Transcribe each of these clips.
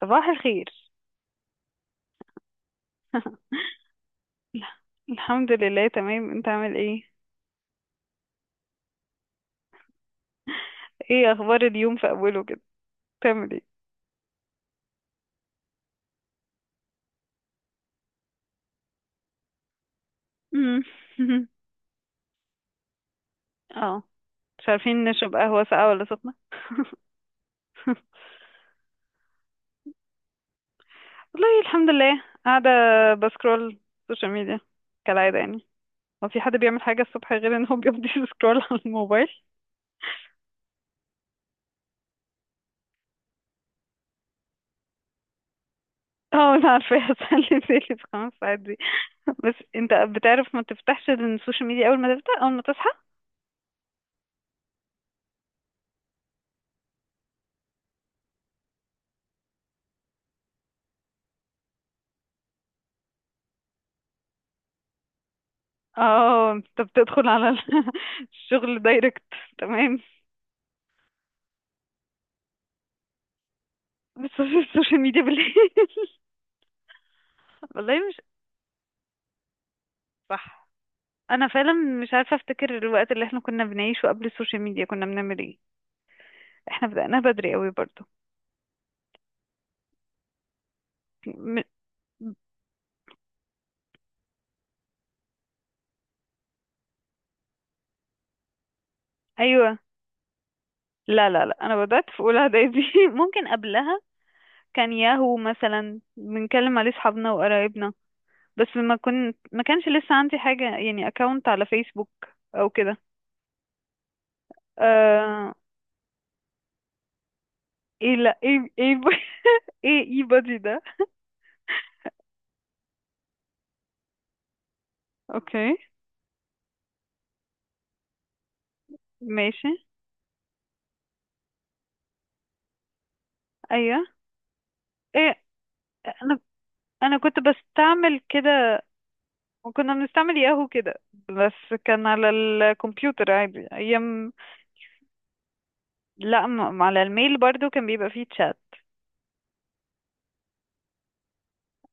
صباح الخير. الحمد لله تمام. انت عامل ايه؟ ايه اخبار اليوم في اوله كده؟ بتعمل ايه؟ مم. اه، مش عارفين نشرب قهوة ساقعة ولا سخنة. والله الحمد لله، قاعدة بسكرول سوشيال ميديا كالعادة يعني. هو في حد بيعمل حاجة الصبح غير ان هو بيقضي سكرول على الموبايل؟ اه انا عارفة. هسلي بالي في 5 ساعات دي. بس انت بتعرف ما تفتحش السوشيال ميديا اول ما تفتح، اول ما تصحى. اه، انت بتدخل على الشغل دايركت. تمام. بس في السوشيال ميديا بالليل. والله مش صح. انا فعلا مش عارفه افتكر الوقت اللي احنا كنا بنعيشه قبل السوشيال ميديا كنا بنعمل ايه. احنا بدأناها بدري قوي برضو. م... ايوه. لا لا لا، انا بدأت في اولى اعدادي. ممكن قبلها كان ياهو مثلا بنكلم عليه اصحابنا وقرايبنا. بس ما كانش لسه عندي حاجه يعني اكونت على فيسبوك او كده. آه... ايه لا، ايه ايه. ايه اي بادي ده؟ اوكي ماشي، ايوه. ايه، انا كنت بستعمل كده. وكنا بنستعمل ياهو كده، بس كان على الكمبيوتر عادي ايام. لا على الميل برضو كان بيبقى فيه تشات.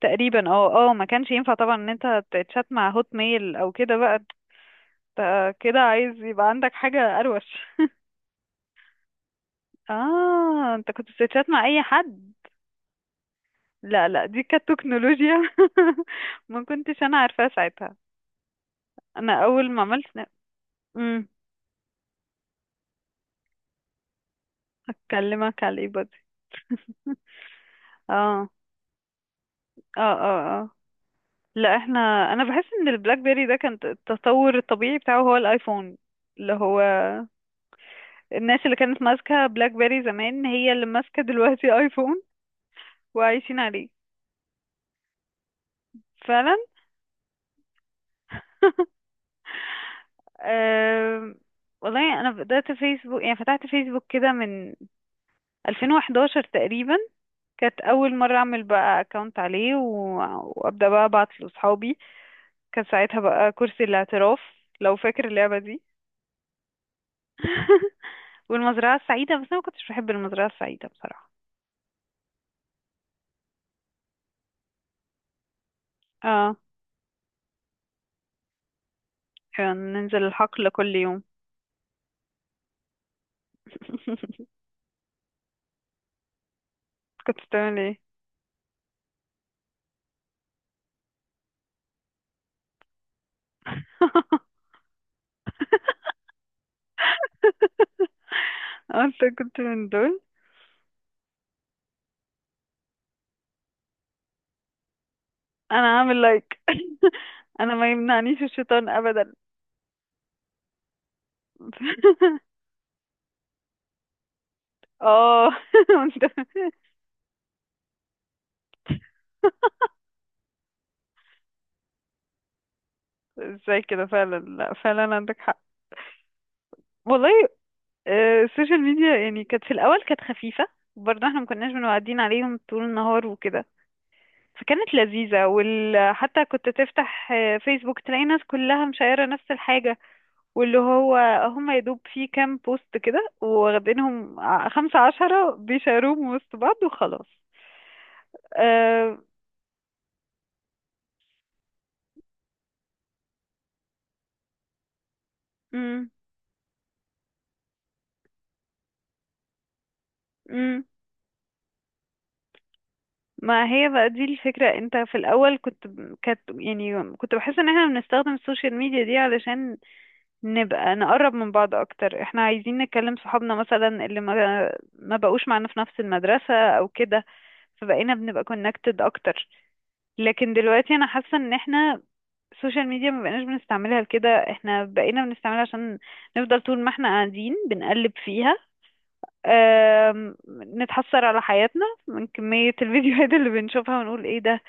تقريبا اه اه، ما كانش ينفع طبعا ان انت تتشات مع هوت ميل او كده بقى. انت كده عايز يبقى عندك حاجة اروش. اه، انت كنت بتتشات مع اي حد. لا لا، دي كانت تكنولوجيا. ما كنتش انا عارفاها ساعتها. انا اول ما عملت اكلمك على الاي بودي. اه اه اه اه، لا احنا. انا بحس ان البلاك بيري ده كان التطور الطبيعي بتاعه هو الايفون، اللي هو الناس اللي كانت ماسكة بلاك بيري زمان هي اللي ماسكة دلوقتي ايفون وعايشين عليه. فعلا. أم، والله انا بدأت فيسبوك يعني فتحت فيسبوك كده من 2011 تقريبا. كانت اول مرة اعمل بقى اكونت عليه وابدأ بقى ابعت لاصحابي. كان ساعتها بقى كرسي الاعتراف، لو فاكر اللعبة دي. والمزرعة السعيدة، بس أنا ما كنتش بحب المزرعة السعيدة بصراحة. اه، كان ننزل الحقل كل يوم. كنت بتعمل ايه؟ انت كنت من دول؟ انا عامل لايك. انا ما يمنعنيش الشيطان ابدا. اه وأنت- ازاي كده؟ فعلا، لا فعلا عندك حق. والله. السوشيال ميديا يعني كانت في الأول كانت خفيفة. برضه احنا ما كناش بنقعدين عليهم طول النهار وكده، فكانت لذيذة حتى كنت تفتح فيسبوك تلاقي ناس كلها مشايرة نفس الحاجة واللي هو هم يا دوب في كام بوست كده واخدينهم 15، بيشاروهم وسط بعض وخلاص. أه... مم، مم. ما هي بقى دي الفكرة. انت في الأول كنت، كانت يعني كنت بحس ان احنا بنستخدم السوشيال ميديا دي علشان نبقى نقرب من بعض اكتر. احنا عايزين نكلم صحابنا مثلا اللي ما بقوش معانا في نفس المدرسة او كده، فبقينا بنبقى كونكتد اكتر. لكن دلوقتي انا حاسة ان احنا، السوشيال ميديا ما بقيناش بنستعملها لكده، احنا بقينا بنستعملها عشان نفضل طول ما احنا قاعدين بنقلب فيها. آم، نتحسر على حياتنا من كمية الفيديوهات اللي بنشوفها ونقول ايه ده،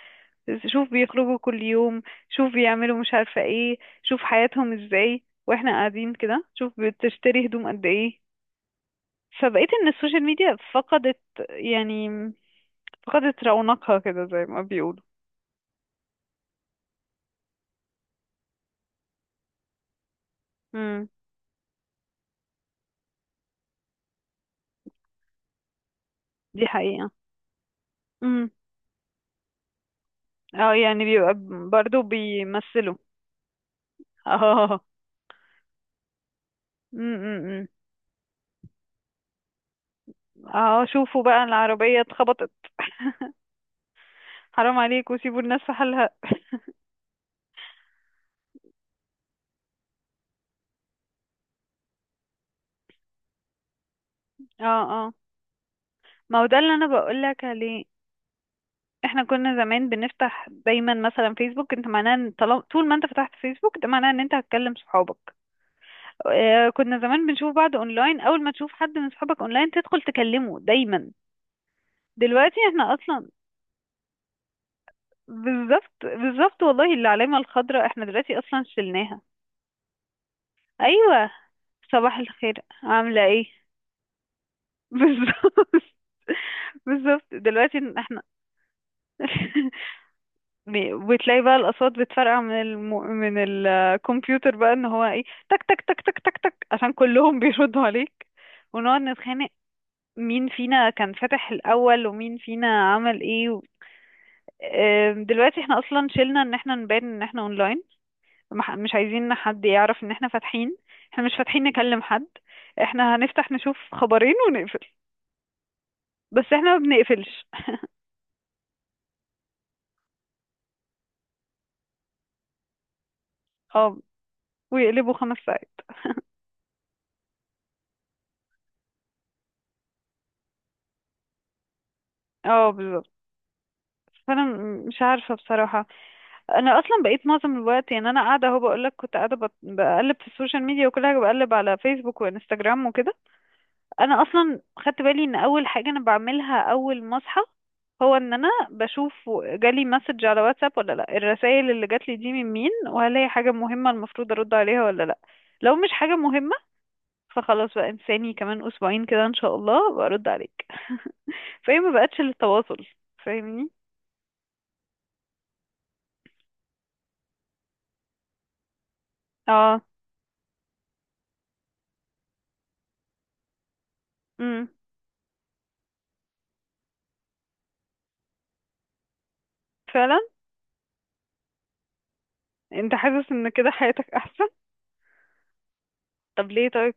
شوف بيخرجوا كل يوم، شوف بيعملوا مش عارفة ايه، شوف حياتهم ازاي واحنا قاعدين كده، شوف بتشتري هدوم قد ايه. فبقيت ان السوشيال ميديا فقدت، يعني فقدت رونقها كده زي ما بيقولوا. امم، دي حقيقة. امم، اه يعني بيبقى، برضو بيمثلوا. اه، امم، اه شوفوا بقى العربية اتخبطت. حرام عليكوا، سيبوا الناس في حالها. اه اه، ما هو ده اللي انا بقولك عليه. احنا كنا زمان بنفتح دايما مثلا فيسبوك. انت معناه ان طالما طول ما انت فتحت فيسبوك ده معناه ان انت هتكلم صحابك. اه، كنا زمان بنشوف بعض اونلاين، اول ما تشوف حد من صحابك اونلاين تدخل تكلمه دايما. دلوقتي احنا اصلا، بالظبط بالظبط. والله العلامة الخضراء احنا دلوقتي اصلا شلناها. ايوه، صباح الخير عاملة ايه. بالظبط بالظبط. دلوقتي احنا وتلاقي بقى الأصوات بتفرقع من من الكمبيوتر بقى ان هو ايه، تك تك تك تك تك تك عشان كلهم بيردوا عليك. ونقعد نتخانق مين فينا كان فاتح الأول ومين فينا عمل ايه دلوقتي احنا اصلا شلنا ان احنا نبان ان احنا اونلاين. مش عايزين إن حد يعرف ان احنا فاتحين. احنا مش فاتحين نكلم حد، احنا هنفتح نشوف خبرين ونقفل. بس احنا ما بنقفلش. اه، ويقلبوا 5 ساعات. اه بالظبط. فانا مش عارفة بصراحة. انا اصلا بقيت معظم الوقت يعني، انا قاعده اهو بقول لك كنت قاعده بقلب في السوشيال ميديا وكل حاجه بقلب على فيسبوك وانستجرام وكده. انا اصلا خدت بالي ان اول حاجه انا بعملها اول ما اصحى، هو ان انا بشوف جالي مسج على واتساب ولا لا. الرسائل اللي جات لي دي من مين وهل هي حاجه مهمه المفروض ارد عليها ولا لا. لو مش حاجه مهمه فخلاص بقى، انساني كمان اسبوعين كده ان شاء الله برد عليك. فهي ما بقتش للتواصل، فاهمني. اه، امم، فعلا. انت حاسس ان كده حياتك احسن؟ طب ليه طيب؟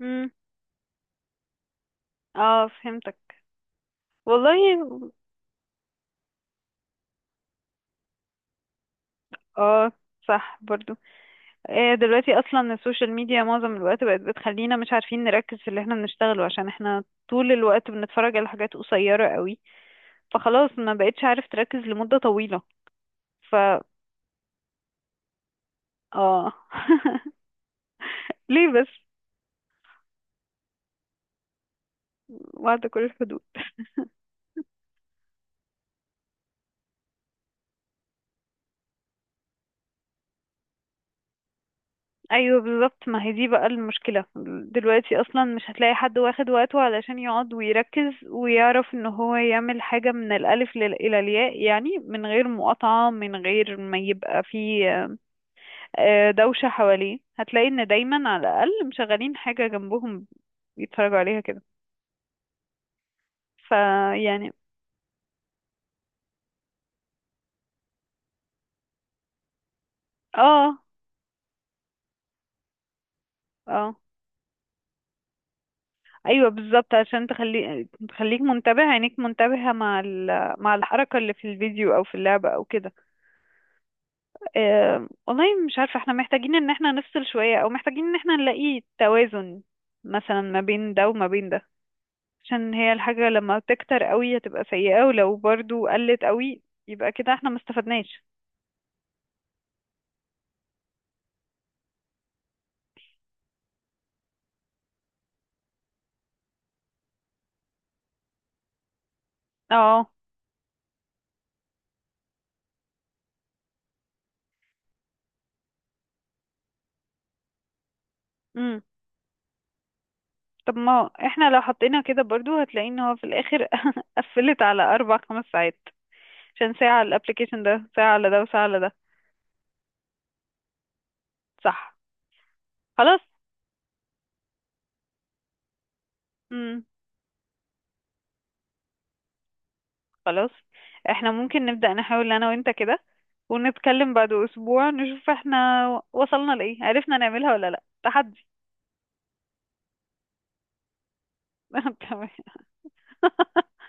امم، اه فهمتك. والله اه صح برضو. دلوقتي اصلا السوشيال ميديا معظم الوقت بقت بتخلينا مش عارفين نركز في اللي احنا بنشتغله، عشان احنا طول الوقت بنتفرج على حاجات قصيرة قوي. فخلاص ما بقتش عارف تركز لمدة طويلة. ف اه. ليه بس؟ بعد كل الحدود. ايوه بالظبط، ما هي دي بقى المشكلة. دلوقتي اصلا مش هتلاقي حد واخد وقته علشان يقعد ويركز ويعرف ان هو يعمل حاجة من الالف الى الياء يعني، من غير مقاطعة من غير ما يبقى فيه دوشة حواليه. هتلاقي ان دايما على الاقل مشغلين حاجة جنبهم يتفرجوا عليها كده. فيعني اه اه، ايوه بالظبط عشان تخلي، تخليك منتبه، عينيك منتبهة مع مع الحركة اللي في الفيديو او في اللعبة او كده. والله مش عارفة احنا محتاجين ان احنا نفصل شوية او محتاجين ان احنا نلاقي توازن مثلا ما بين ده وما بين ده. عشان هي الحاجة لما تكتر قوي هتبقى سيئة، ولو برضو قلت قوي يبقى كده احنا ما استفدناش. اه، امم. طب ما احنا لو حطينا كده برضو هتلاقي ان هو في الاخر قفلت على 4 5 ساعات عشان ساعة على الابليكيشن ده ساعة على ده وساعة على ده. صح خلاص، خلاص احنا ممكن نبدأ نحاول انا وانت كده ونتكلم بعد اسبوع نشوف احنا وصلنا لايه، عرفنا نعملها ولا لا. تحدي. تمام.